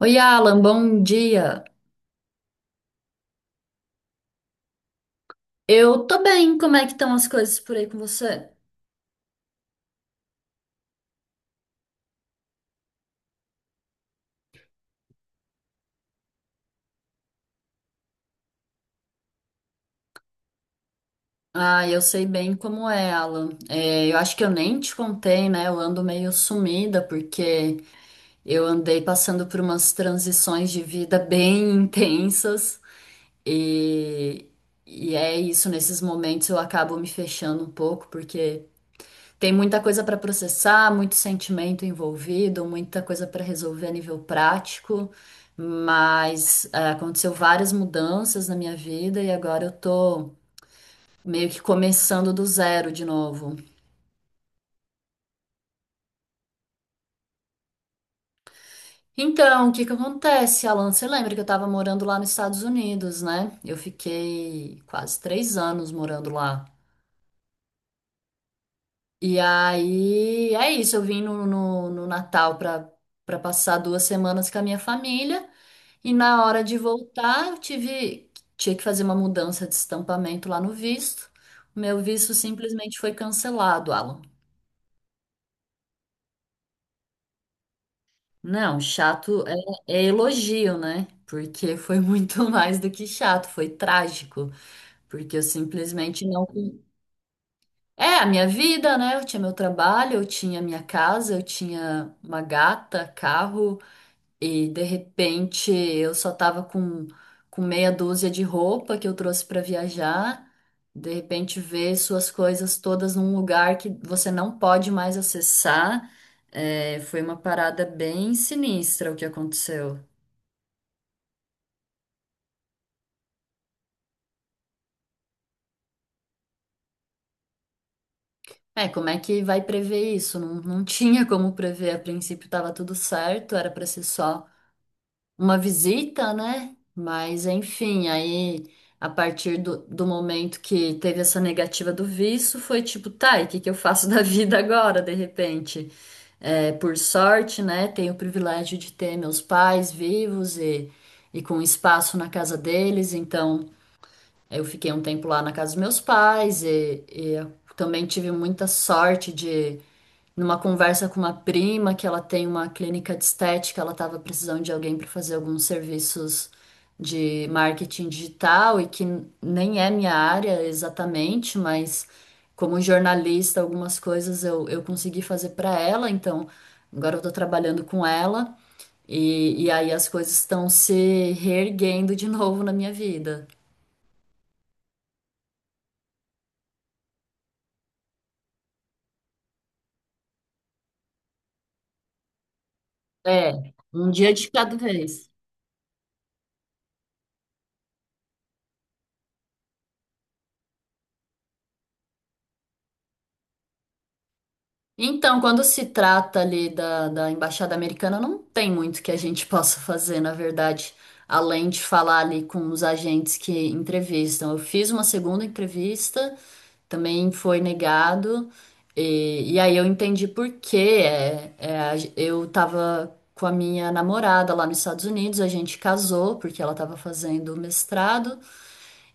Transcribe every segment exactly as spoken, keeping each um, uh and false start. Oi, Alan, bom dia. Eu tô bem, como é que estão as coisas por aí com você? Ah, eu sei bem como é, Alan. É, eu acho que eu nem te contei, né? Eu ando meio sumida porque eu andei passando por umas transições de vida bem intensas e, e é isso, nesses momentos eu acabo me fechando um pouco porque tem muita coisa para processar, muito sentimento envolvido, muita coisa para resolver a nível prático, mas é, aconteceu várias mudanças na minha vida e agora eu tô meio que começando do zero de novo. Então, o que que acontece, Alan? Você lembra que eu tava morando lá nos Estados Unidos, né? Eu fiquei quase três anos morando lá. E aí, é isso, eu vim no, no, no Natal para para passar duas semanas com a minha família. E na hora de voltar, eu tive, tinha que fazer uma mudança de estampamento lá no visto. O meu visto simplesmente foi cancelado, Alan. Não, chato é, é elogio, né? Porque foi muito mais do que chato, foi trágico. Porque eu simplesmente não. É a minha vida, né? Eu tinha meu trabalho, eu tinha minha casa, eu tinha uma gata, carro. E de repente eu só tava com, com meia dúzia de roupa que eu trouxe para viajar. De repente ver suas coisas todas num lugar que você não pode mais acessar. É, foi uma parada bem sinistra o que aconteceu. É, como é que vai prever isso? Não, não tinha como prever. A princípio estava tudo certo, era para ser só uma visita, né? Mas enfim, aí a partir do, do momento que teve essa negativa do visto, foi tipo, tá, e o que que eu faço da vida agora, de repente? É, por sorte, né? Tenho o privilégio de ter meus pais vivos e, e com espaço na casa deles, então eu fiquei um tempo lá na casa dos meus pais e, e eu também tive muita sorte de numa conversa com uma prima que ela tem uma clínica de estética, ela estava precisando de alguém para fazer alguns serviços de marketing digital e que nem é minha área exatamente, mas como jornalista, algumas coisas eu, eu consegui fazer para ela, então agora eu estou trabalhando com ela e, e aí as coisas estão se reerguendo de novo na minha vida. É, um dia de cada vez. Então, quando se trata ali da, da Embaixada Americana, não tem muito que a gente possa fazer, na verdade, além de falar ali com os agentes que entrevistam. Eu fiz uma segunda entrevista, também foi negado, e, e aí eu entendi por quê. É, é, a ge- eu estava com a minha namorada lá nos Estados Unidos, a gente casou porque ela estava fazendo mestrado.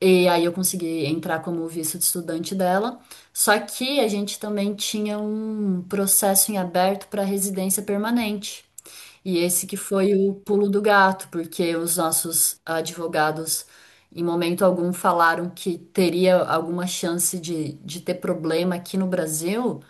E aí eu consegui entrar como visto de estudante dela. Só que a gente também tinha um processo em aberto para residência permanente. E esse que foi o pulo do gato, porque os nossos advogados, em momento algum, falaram que teria alguma chance de, de ter problema aqui no Brasil.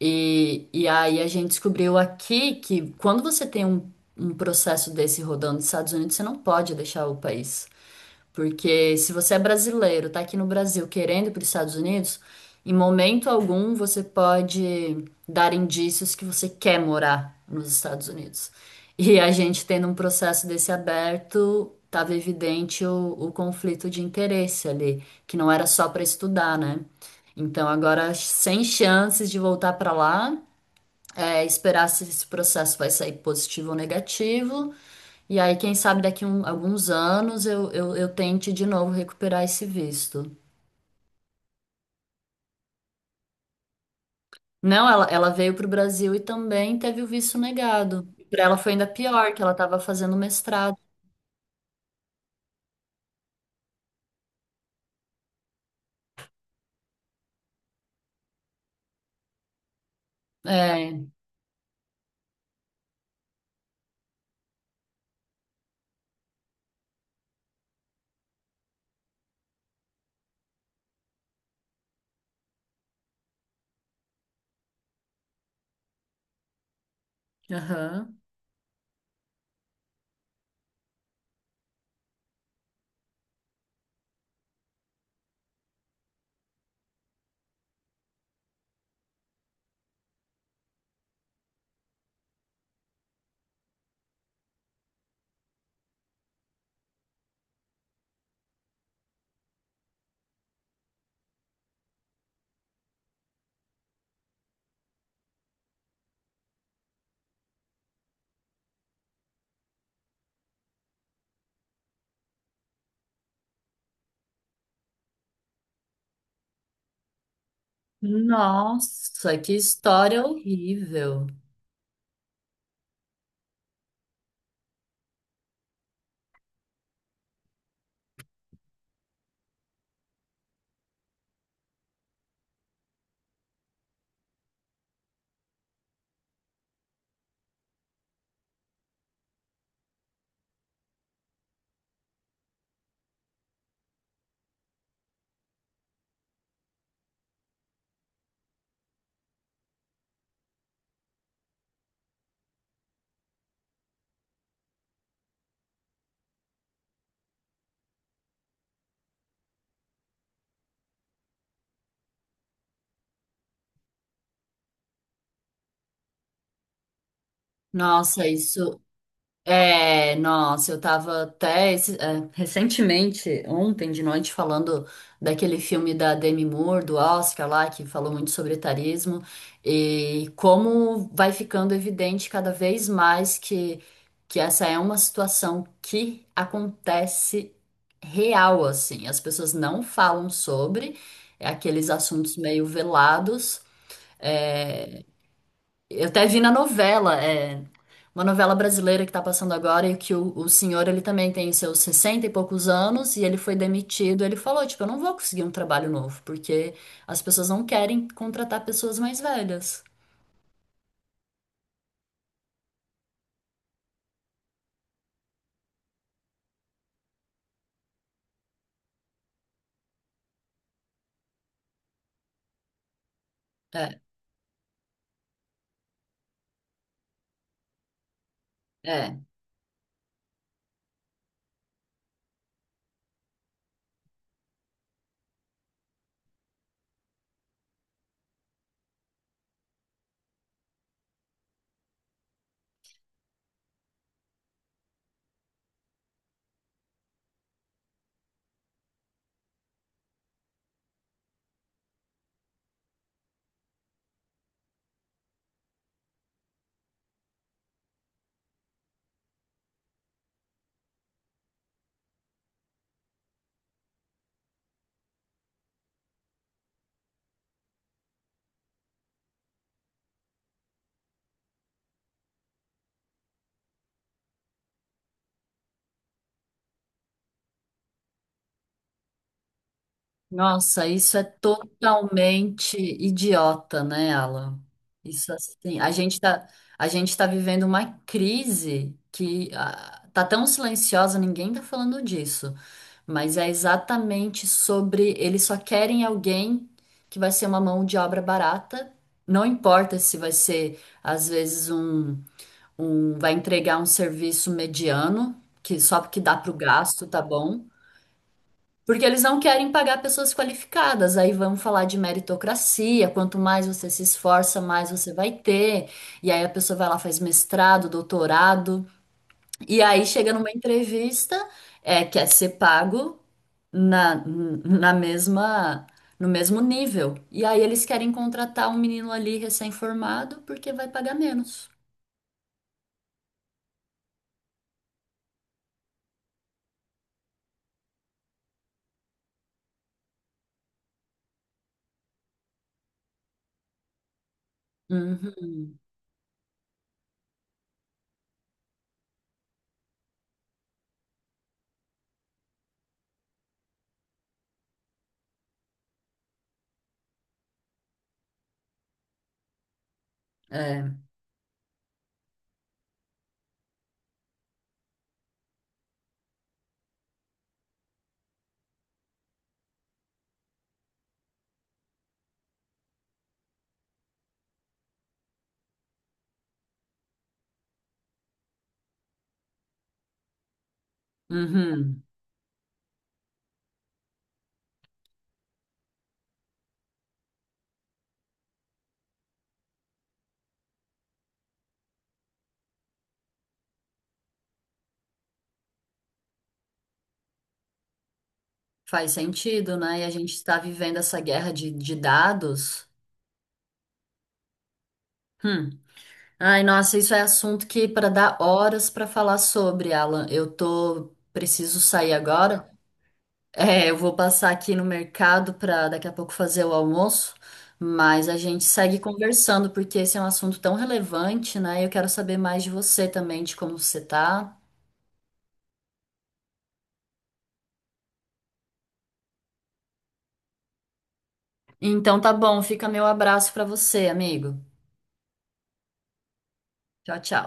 E, e aí a gente descobriu aqui que quando você tem um, um processo desse rodando nos Estados Unidos, você não pode deixar o país. Porque se você é brasileiro, tá aqui no Brasil querendo ir para os Estados Unidos, em momento algum você pode dar indícios que você quer morar nos Estados Unidos. E a gente tendo um processo desse aberto, tava evidente o, o conflito de interesse ali, que não era só para estudar, né? Então agora sem chances de voltar para lá, é, esperar se esse processo vai sair positivo ou negativo. E aí, quem sabe daqui um, alguns anos eu, eu, eu tente de novo recuperar esse visto. Não, ela, ela veio para o Brasil e também teve o visto negado. Para ela foi ainda pior, que ela estava fazendo mestrado. É. Aham. Nossa, que história horrível. Nossa, isso. É, nossa, eu tava até esse- é, recentemente, ontem de noite, falando daquele filme da Demi Moore, do Oscar lá, que falou muito sobre etarismo, e como vai ficando evidente cada vez mais que, que essa é uma situação que acontece real, assim. As pessoas não falam sobre é aqueles assuntos meio velados. Eu até vi na novela, é, uma novela brasileira que tá passando agora, e que o, o senhor, ele também tem seus sessenta e poucos anos, e ele foi demitido. Ele falou, tipo, eu não vou conseguir um trabalho novo, porque as pessoas não querem contratar pessoas mais velhas. É, é. Nossa, isso é totalmente idiota, né, Alan? Isso assim, a gente tá, a gente tá vivendo uma crise que ah, tá tão silenciosa, ninguém tá falando disso. Mas é exatamente sobre eles só querem alguém que vai ser uma mão de obra barata. Não importa se vai ser, às vezes, um, um vai entregar um serviço mediano, que só que dá para o gasto, tá bom? Porque eles não querem pagar pessoas qualificadas. Aí vamos falar de meritocracia. Quanto mais você se esforça, mais você vai ter. E aí a pessoa vai lá, faz mestrado, doutorado. E aí chega numa entrevista, é, quer ser pago na, na mesma, no mesmo nível. E aí eles querem contratar um menino ali recém-formado porque vai pagar menos. Uhum, é, uhum. Faz sentido, né? E a gente está vivendo essa guerra de, de dados. Hum. Ai, nossa, isso é assunto que para dar horas para falar sobre, Alan. Eu tô preciso sair agora. É, eu vou passar aqui no mercado para daqui a pouco fazer o almoço, mas a gente segue conversando porque esse é um assunto tão relevante, né? Eu quero saber mais de você também, de como você tá. Então tá bom, fica meu abraço para você, amigo. Tchau, tchau.